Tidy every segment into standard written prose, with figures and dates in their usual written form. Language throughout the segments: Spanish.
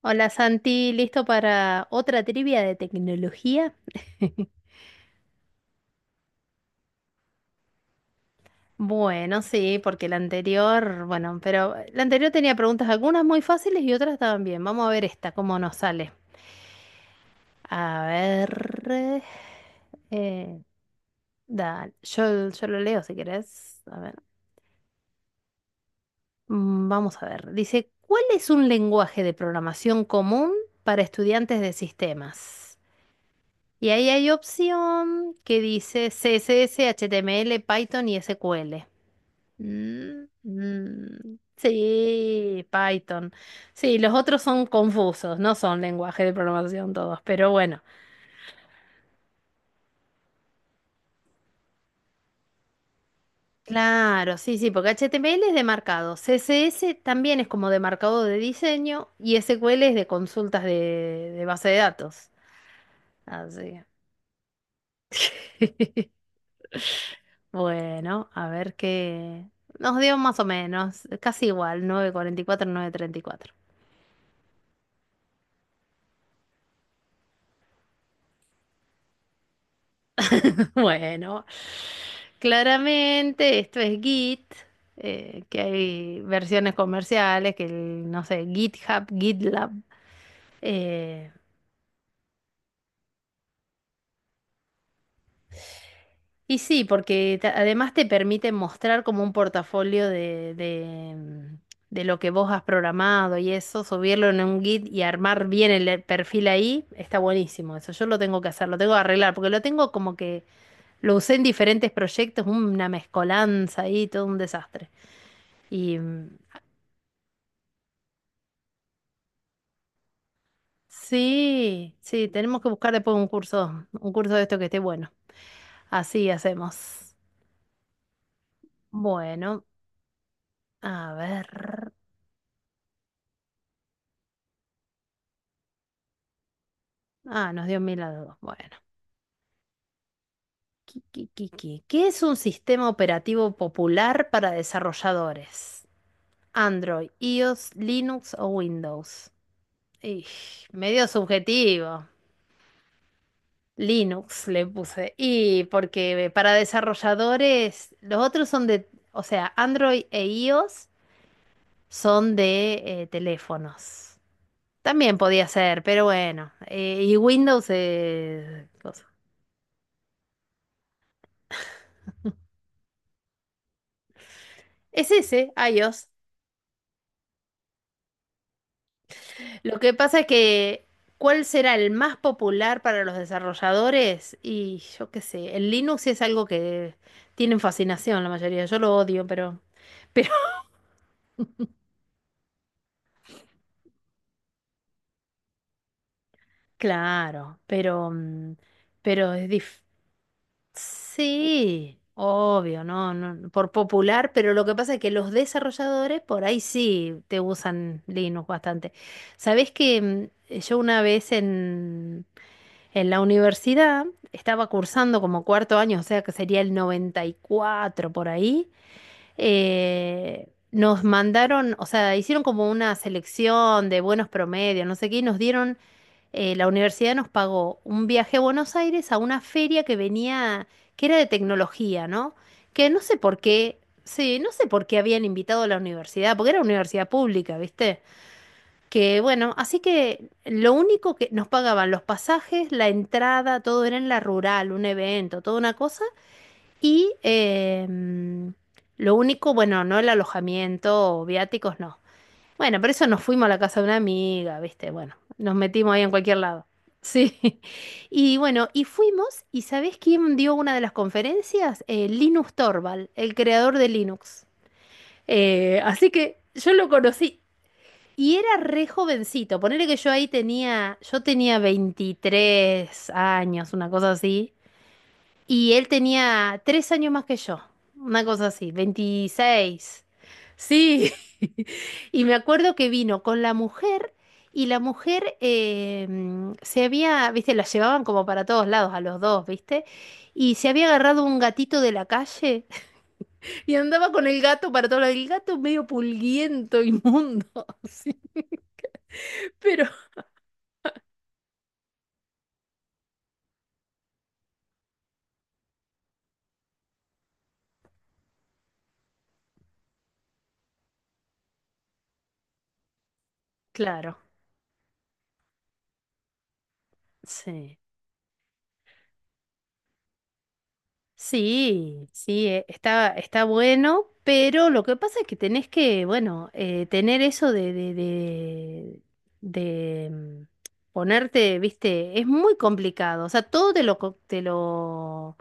Hola Santi, ¿listo para otra trivia de tecnología? Bueno, sí, porque la anterior, bueno, pero la anterior tenía preguntas algunas muy fáciles y otras estaban bien. Vamos a ver esta, cómo nos sale. A ver, eh, dale, yo lo leo si querés. A ver, vamos a ver. Dice, ¿cuál es un lenguaje de programación común para estudiantes de sistemas? Y ahí hay opción que dice CSS, HTML, Python y SQL. Mm, mm, sí, Python. Sí, los otros son confusos, no son lenguaje de programación todos, pero bueno. Claro, sí, sí, porque HTML es de marcado, CSS también es como de marcado de diseño y SQL es de consultas de base de datos. Así. Bueno, a ver qué. Nos dio más o menos, casi igual, nueve nueve cuarenta y cuatro nueve treinta y cuatro. Bueno, claramente esto es Git, que hay versiones comerciales, que el, no sé, GitHub, GitLab. eh, Y sí, porque además te permite mostrar como un portafolio de lo que vos has programado y eso, subirlo en un Git y armar bien el perfil ahí, está buenísimo. Eso yo lo tengo que hacer, lo tengo que arreglar, porque lo tengo como que lo usé en diferentes proyectos, una mezcolanza ahí, todo un desastre. Y sí, sí, tenemos que buscar después un curso de esto que esté bueno. Así hacemos. Bueno, a ver. Ah, nos dio mil a dos. Bueno. Qui, qui, qui, qui. ¿Qué es un sistema operativo popular para desarrolladores? Android, iOS, Linux o Windows. Ij, medio subjetivo. Linux le puse. Y porque para desarrolladores, los otros son de, o sea, Android e iOS son de teléfonos. También podía ser, pero bueno. Y Windows es cosa. Es ese, iOS. Lo que pasa es que, ¿cuál será el más popular para los desarrolladores? Y yo qué sé, el Linux es algo que tienen fascinación la mayoría. Yo lo odio, pero, claro, pero es dif- Sí, obvio, no, no, por popular, pero lo que pasa es que los desarrolladores por ahí sí te usan Linux bastante. ¿Sabés que mm, yo una vez en la universidad estaba cursando como cuarto año, o sea que sería el 94 por ahí? Nos mandaron, o sea, hicieron como una selección de buenos promedios, no sé qué, y nos dieron, la universidad nos pagó un viaje a Buenos Aires a una feria que venía, que era de tecnología, ¿no? Que no sé por qué, sí, no sé por qué habían invitado a la universidad, porque era universidad pública, ¿viste? Que bueno, así que lo único que nos pagaban los pasajes, la entrada, todo era en la rural, un evento, toda una cosa. Y lo único, bueno, no el alojamiento, viáticos, no. Bueno, por eso nos fuimos a la casa de una amiga, ¿viste? Bueno, nos metimos ahí en cualquier lado. Sí. Y bueno, y fuimos, ¿y sabés quién dio una de las conferencias? Linus Torvald, el creador de Linux. Así que yo lo conocí y era re jovencito. Ponele que yo tenía 23 años, una cosa así. Y él tenía 3 años más que yo, una cosa así, 26. Sí. Y me acuerdo que vino con la mujer y la mujer se había, viste, la llevaban como para todos lados a los dos, viste. Y se había agarrado un gatito de la calle y andaba con el gato para todos lados. El gato medio pulguiento, inmundo. Sí. Pero claro, sí. Sí, sí, está bueno, pero lo que pasa es que tenés que, bueno, tener eso de ponerte, viste, es muy complicado. O sea, todo te lo, co- te lo,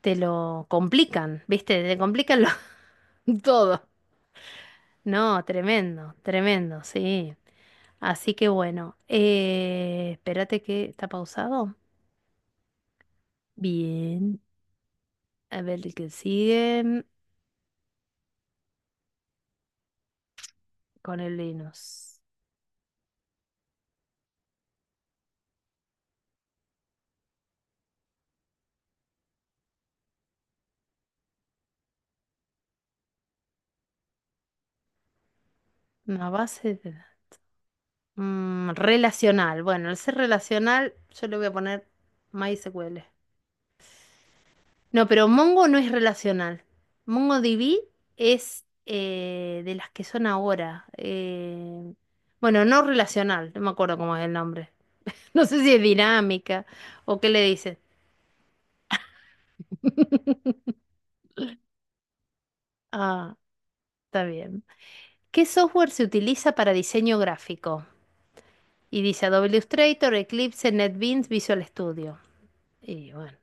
te lo complican, viste, te complican todo. No, tremendo, tremendo, sí. Así que bueno, espérate que está pausado. Bien, a ver el que sigue. Con el Linux. Una base de da- mm, Relacional. Bueno, al ser relacional, yo le voy a poner MySQL. No, pero Mongo no es relacional. MongoDB es de las que son ahora. Bueno, no relacional, no me acuerdo cómo es el nombre. No sé si es dinámica o qué le dicen. Ah, está bien. ¿Qué software se utiliza para diseño gráfico? Y dice Adobe Illustrator, Eclipse, NetBeans, Visual Studio. Y bueno.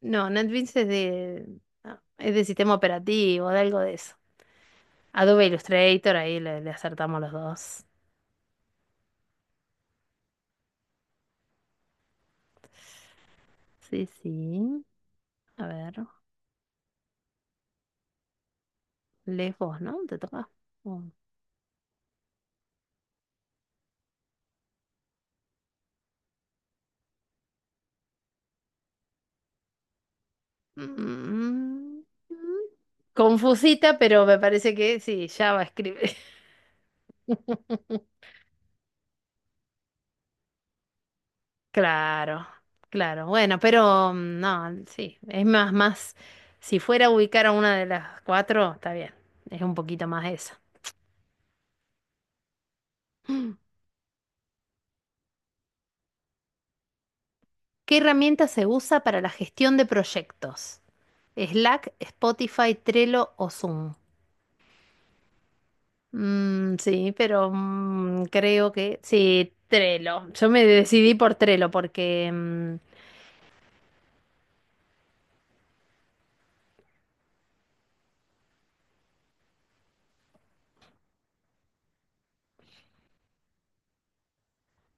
No, NetBeans es de sistema operativo, de algo de eso. Adobe Illustrator, ahí le acertamos los dos. Sí, sí. A ver, lees vos, ¿no? Te toca. Oh. Mm, Confusita, pero me parece que sí, Java escribe. Claro, claro. Bueno, pero no, sí, es más, más. Si fuera a ubicar a una de las cuatro, está bien. Es un poquito más eso. ¿Qué herramienta se usa para la gestión de proyectos? ¿Slack, Spotify, Trello o Zoom? Mm, sí, pero creo que sí, Trello. Yo me decidí por Trello porque,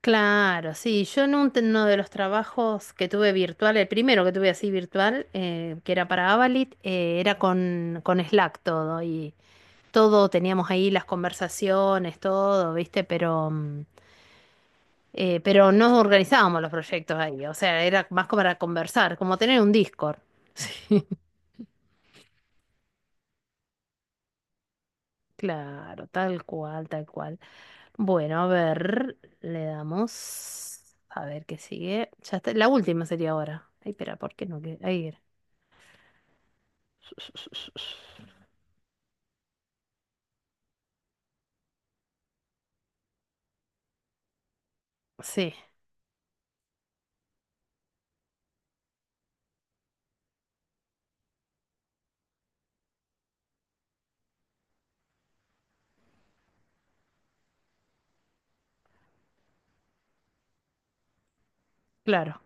claro, sí, yo en uno de los trabajos que tuve virtual, el primero que tuve así virtual, que era para Avalit, era con Slack todo y todo teníamos ahí las conversaciones, todo, ¿viste? Pero no organizábamos los proyectos ahí, o sea, era más como para conversar, como tener un Discord. Sí, claro, tal cual, tal cual. Bueno, a ver, le damos. A ver qué sigue. Ya está, la última sería ahora. Ay, espera, ¿por qué no? Ahí era. Sí, claro.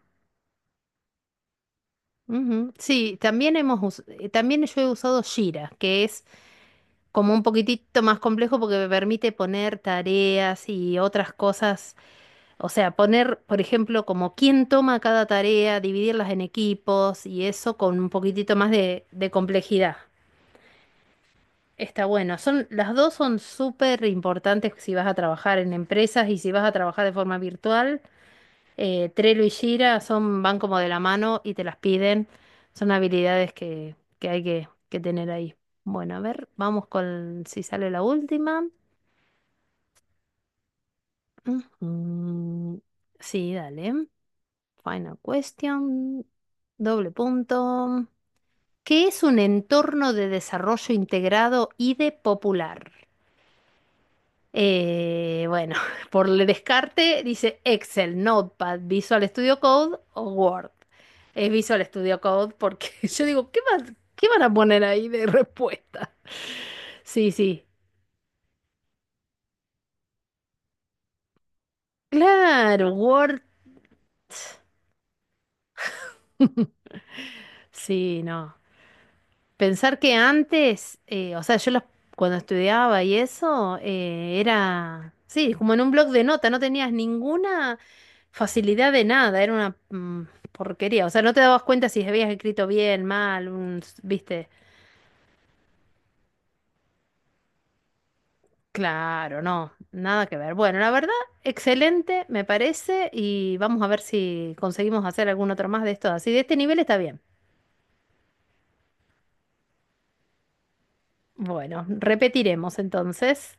Ujú. Sí, también yo he usado Jira, que es como un poquitito más complejo porque me permite poner tareas y otras cosas. O sea, poner, por ejemplo, como quién toma cada tarea, dividirlas en equipos y eso con un poquitito más de complejidad. Está bueno. Las dos son súper importantes si vas a trabajar en empresas y si vas a trabajar de forma virtual. Trello y Jira van como de la mano y te las piden. Son habilidades que hay que tener ahí. Bueno, a ver, vamos con si sale la última. Ujú. Sí, dale. Final question, doble punto. ¿Qué es un entorno de desarrollo integrado y de popular? Bueno, por el descarte dice Excel, Notepad, Visual Studio Code o Word. Es Visual Studio Code porque yo digo, ¿qué van a poner ahí de respuesta? Sí, sí. Claro, Word. Sí, no. Pensar que antes, o sea, cuando estudiaba y eso, era, sí, como en un blog de nota, no tenías ninguna facilidad de nada, era una porquería, o sea, no te dabas cuenta si habías escrito bien, mal, un, viste, claro, no, nada que ver. Bueno, la verdad, excelente, me parece, y vamos a ver si conseguimos hacer algún otro más de estos, así de este nivel está bien. Bueno, repetiremos entonces.